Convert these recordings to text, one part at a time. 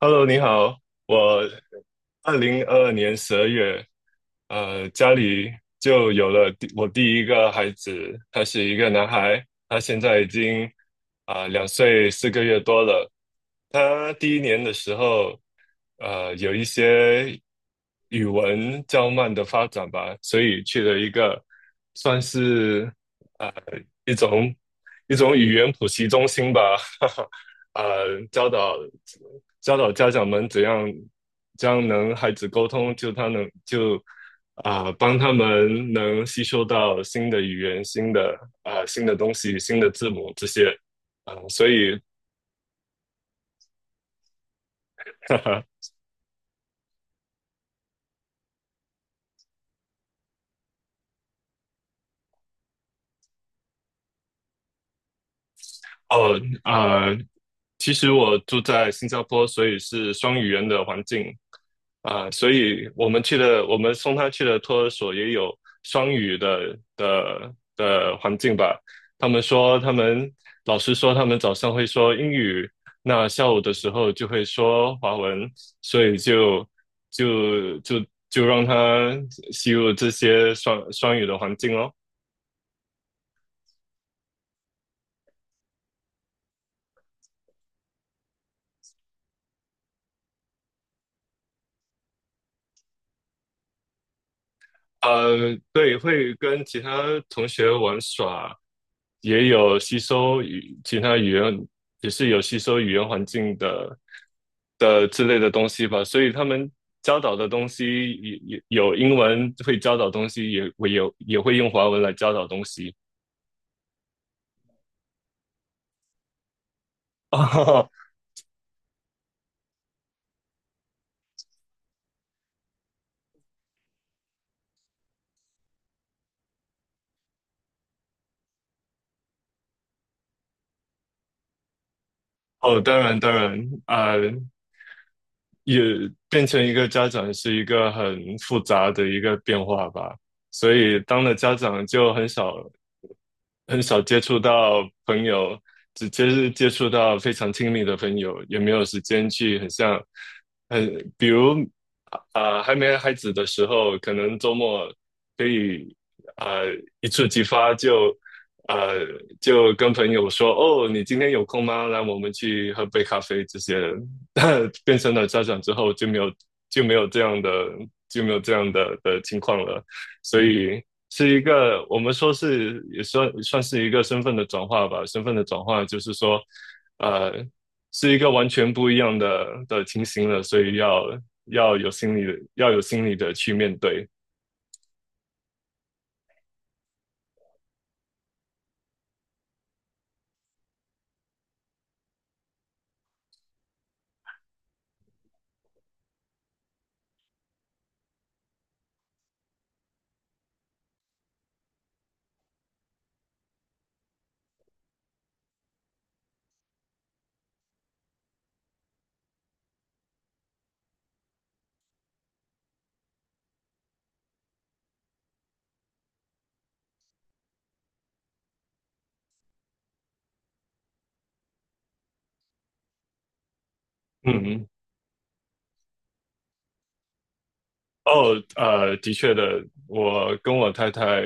Hello，你好，我2022年12月，家里就有了我第一个孩子，他是一个男孩，他现在已经2岁4个月多了。他第一年的时候，有一些语文较慢的发展吧，所以去了一个算是呃一种一种语言补习中心吧，哈哈，呃教导教导家长们怎样能孩子沟通，就他能，帮他们能吸收到新的语言、新的新的东西、新的字母这些所以。 哈哈。哦，其实我住在新加坡，所以是双语言的环境啊。所以我们去的，我们送他去的托儿所也有双语的环境吧。他们老师说，他们早上会说英语，那下午的时候就会说华文，所以就就就让他吸入这些双语的环境哦。对，会跟其他同学玩耍，也有吸收其他语言，也是有吸收语言环境的之类的东西吧。所以他们教导的东西也有英文会教导东西，也会用华文来教导东西。哦。哦，当然当然，啊、也变成一个家长是一个很复杂的一个变化吧。所以当了家长就很少很少接触到朋友，是接触到非常亲密的朋友，也没有时间去很像，很比如啊、还没孩子的时候，可能周末可以，啊、呃一触即发，呃就跟朋友说哦，你今天有空吗？来，我们去喝杯咖啡这些。变成了家长之后，就没有这样的就没有这样的情况了。所以是一个我们说是也算是一个身份的转化吧。身份的转化就是说，呃，是一个完全不一样的情形了，所以要有心理的去面对。嗯。哦，的确的，我跟我太太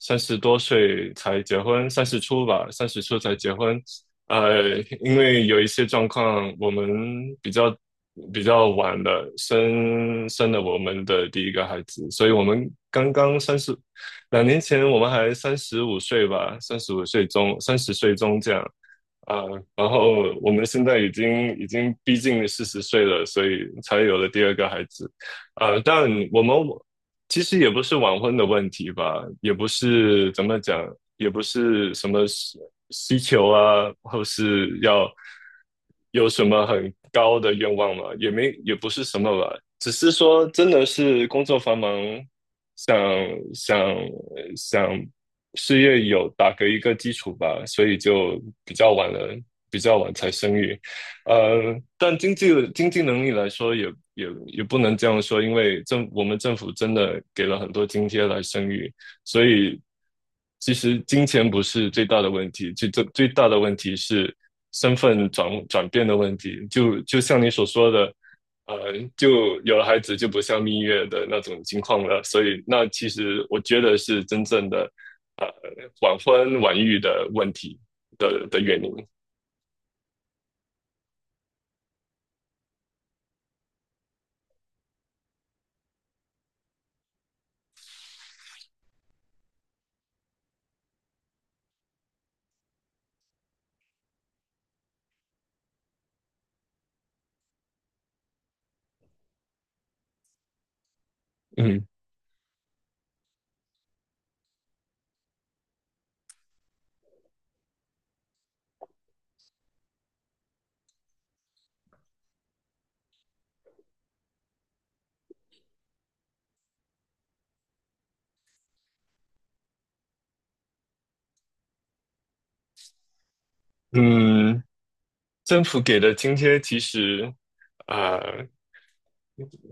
三十多岁才结婚，三十出才结婚。因为有一些状况，我们比较比较晚的生了我们的第一个孩子，所以我们刚刚三十，2年前我们还三十五岁吧，三十五岁中，三十岁中这样。啊，然后我们现在已经逼近四十岁了，所以才有了第二个孩子。但我们其实也不是晚婚的问题吧，也不是怎么讲，也不是什么需求啊，或是要有什么很高的愿望嘛，也不是什么吧，只是说真的是工作繁忙，想想想事业有打个一个基础吧，所以就比较晚了，比较晚才生育。但经济能力来说也，也不能这样说，因为我们政府真的给了很多津贴来生育，所以其实金钱不是最大的问题，最大的问题是身份转变的问题。就像你所说的，呃，就有了孩子就不像蜜月的那种情况了，所以那其实我觉得是真正的呃晚婚晚育的问题的原因。嗯嗯。政府给的津贴其实，呃，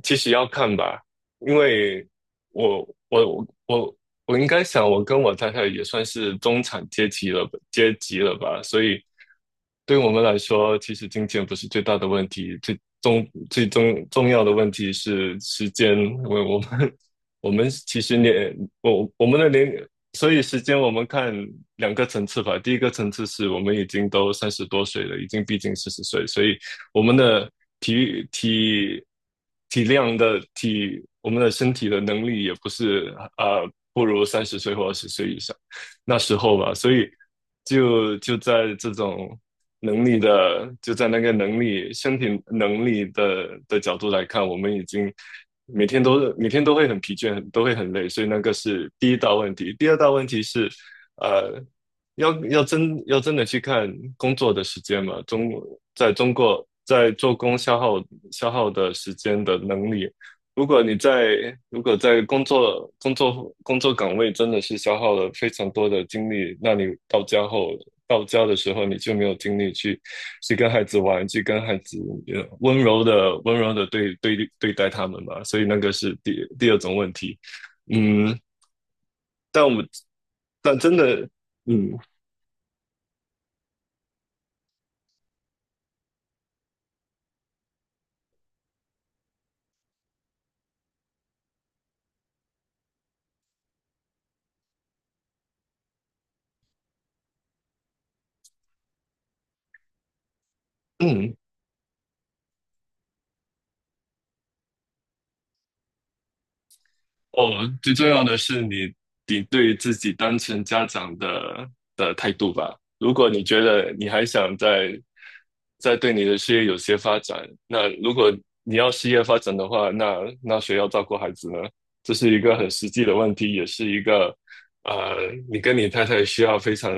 其实要看吧，因为我我我我应该想，我跟我太太也算是中产阶级了吧，所以对我们来说，其实金钱不是最大的问题，最重要的问题是时间，因为我们 其实我们的年。所以时间我们看两个层次吧，第一个层次是我们已经都三十多岁了，已经逼近四十岁，所以我们的体育体体量的体，我们的身体的能力也不是不如三十岁或20岁以上那时候吧，所以就就在这种就在那个能力、身体能力的角度来看，我们已经每天都会很疲倦，都会很累，所以那个是第一大问题。第二大问题是，呃，要真的去看工作的时间嘛，在中国在做工消耗的时间的能力，如果在工作岗位真的是消耗了非常多的精力，那你到家的时候你就没有精力去跟孩子玩，去跟孩子温柔的对待他们嘛，所以那个是第二种问题。嗯，但我们但真的。嗯嗯。哦，最重要的是你对自己当成家长的态度吧。如果你觉得你还想再对你的事业有些发展，那如果你要事业发展的话，那谁要照顾孩子呢？这是一个很实际的问题，也是一个。呃，你跟你太太需要非常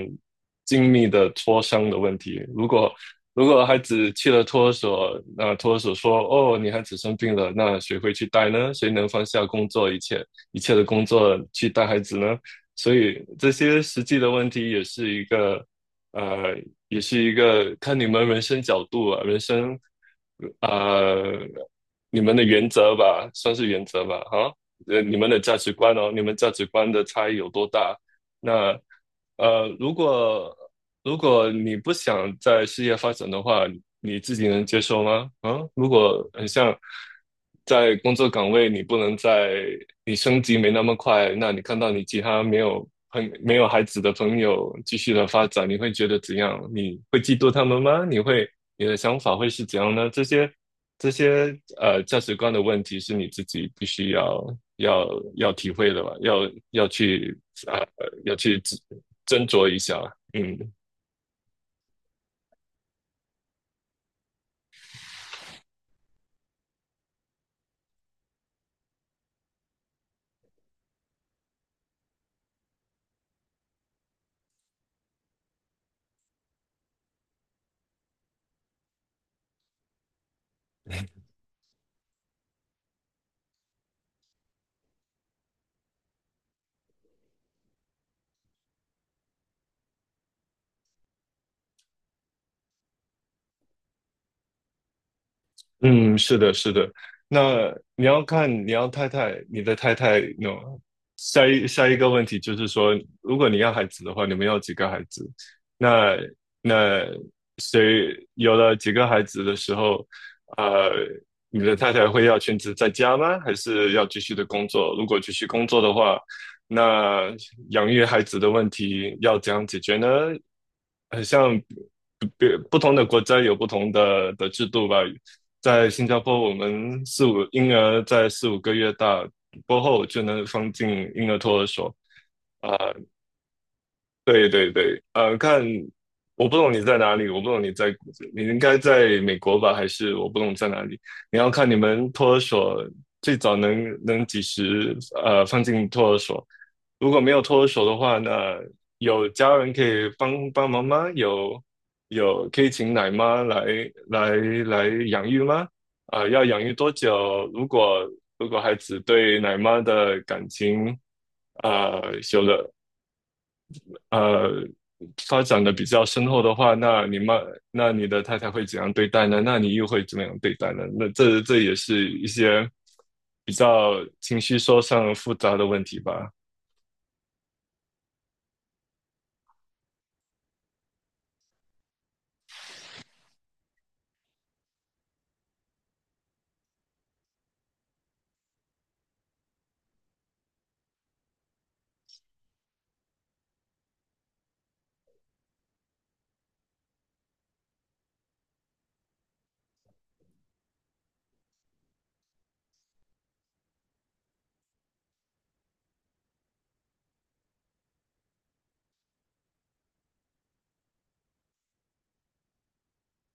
精密的磋商的问题。如果孩子去了托儿所，那托儿所说：“哦，你孩子生病了，那谁会去带呢？谁能放下工作一切？”一切的工作去带孩子呢？所以这些实际的问题也是一个，呃，也是一个看你们人生角度啊。呃，你们的原则吧，算是原则吧，哈，你们的价值观哦，你们价值观的差异有多大？那。呃，如果如果你不想在事业发展的话，你自己能接受吗？啊，如果很像在工作岗位，你不能在你升级没那么快，那你看到你其他没有孩子的朋友继续的发展，你会觉得怎样？你会嫉妒他们吗？你的想法会是怎样呢？这些价值观的问题是你自己必须要要体会的吧，要去要去斟酌一下。嗯。嗯。是的，是的。那你要看你要太太，你的太太那下一个问题就是说，如果你要孩子的话，你们要几个孩子？那那谁有了几个孩子的时候，呃，你的太太会要全职在家吗？还是要继续的工作？如果继续工作的话，那养育孩子的问题要怎样解决呢？很像别不同的国家有不同的制度吧。在新加坡，我们婴儿在四五个月大过后就能放进婴儿托儿所。啊、对对对，看，我不懂你在哪里，我不懂你在，你应该在美国吧，还是我不懂在哪里？你要看你们托儿所最早能几时放进托儿所，如果没有脱手的话，那有家人可以帮帮忙吗？有可以请奶妈来来养育吗？要养育多久？如果孩子对奶妈的感情，呃，有了呃发展的比较深厚的话，那那你的太太会怎样对待呢？那你又会怎么样对待呢？那这也是一些比较情绪说上复杂的问题吧。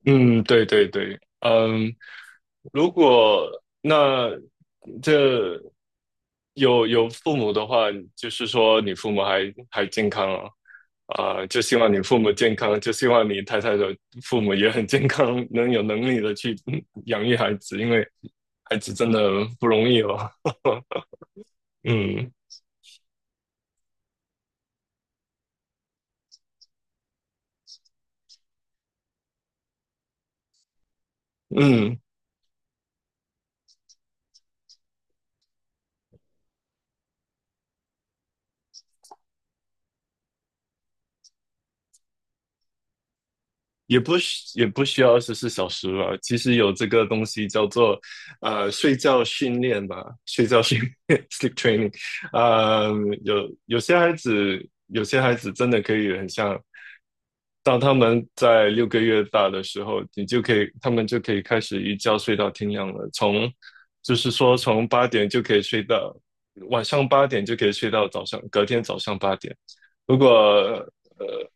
嗯，对对对，嗯，如果那这有父母的话，就是说你父母还健康啊，就希望你父母健康，就希望你太太的父母也很健康，能有能力的去养育孩子，因为孩子真的不容易哦。嗯嗯，也不需要24小时吧。其实有这个东西叫做睡觉训练吧，睡觉训练 （sleep training）。呃，有些孩子，真的可以很像。当他们在六个月大的时候，你就可以，他们就可以开始一觉睡到天亮了。就是说从八点就可以睡到晚上八点，就可以睡到隔天早上八点。如果呃。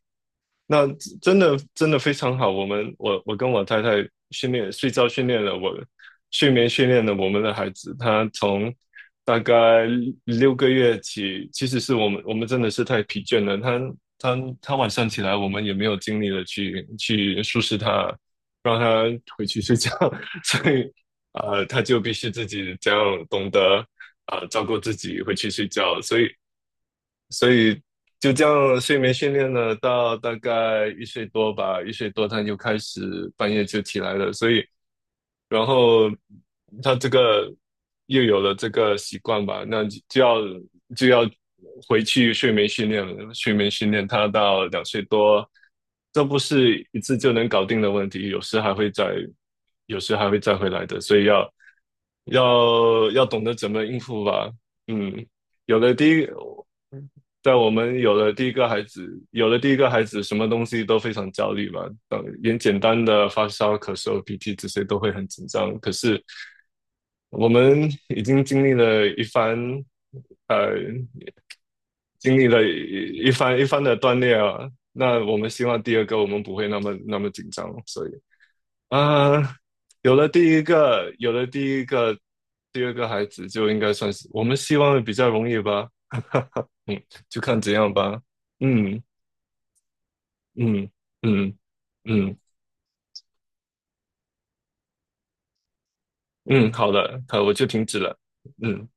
那真的真的非常好，我跟我太太训练睡觉训练了我睡眠训练了我们的孩子。他从大概六个月起，其实是我们真的是太疲倦了，他晚上起来，我们也没有精力了去收拾他，让他回去睡觉，所以他就必须自己这样懂得，照顾自己回去睡觉，所以所以就这样睡眠训练了到大概一岁多吧，一岁多他就开始半夜就起来了，所以然后他这个又有了这个习惯吧，那就就要就要回去睡眠训练了。睡眠训练他到2岁多，这不是一次就能搞定的问题，有时还会再回来的，所以要。要懂得怎么应付吧。嗯，有了第一，在我们有了第一个孩子，什么东西都非常焦虑吧。嗯，连简单的发烧、咳嗽、鼻涕这些都会很紧张。可是我们已经经历了一番，呃，经历了一一番一番的锻炼啊。那我们希望第二个我们不会那么那么紧张，所以啊，呃有了第一个，第二个孩子就应该算是我们希望比较容易吧。嗯，就看怎样吧。嗯嗯嗯嗯嗯嗯，好了，好，我就停止了。嗯。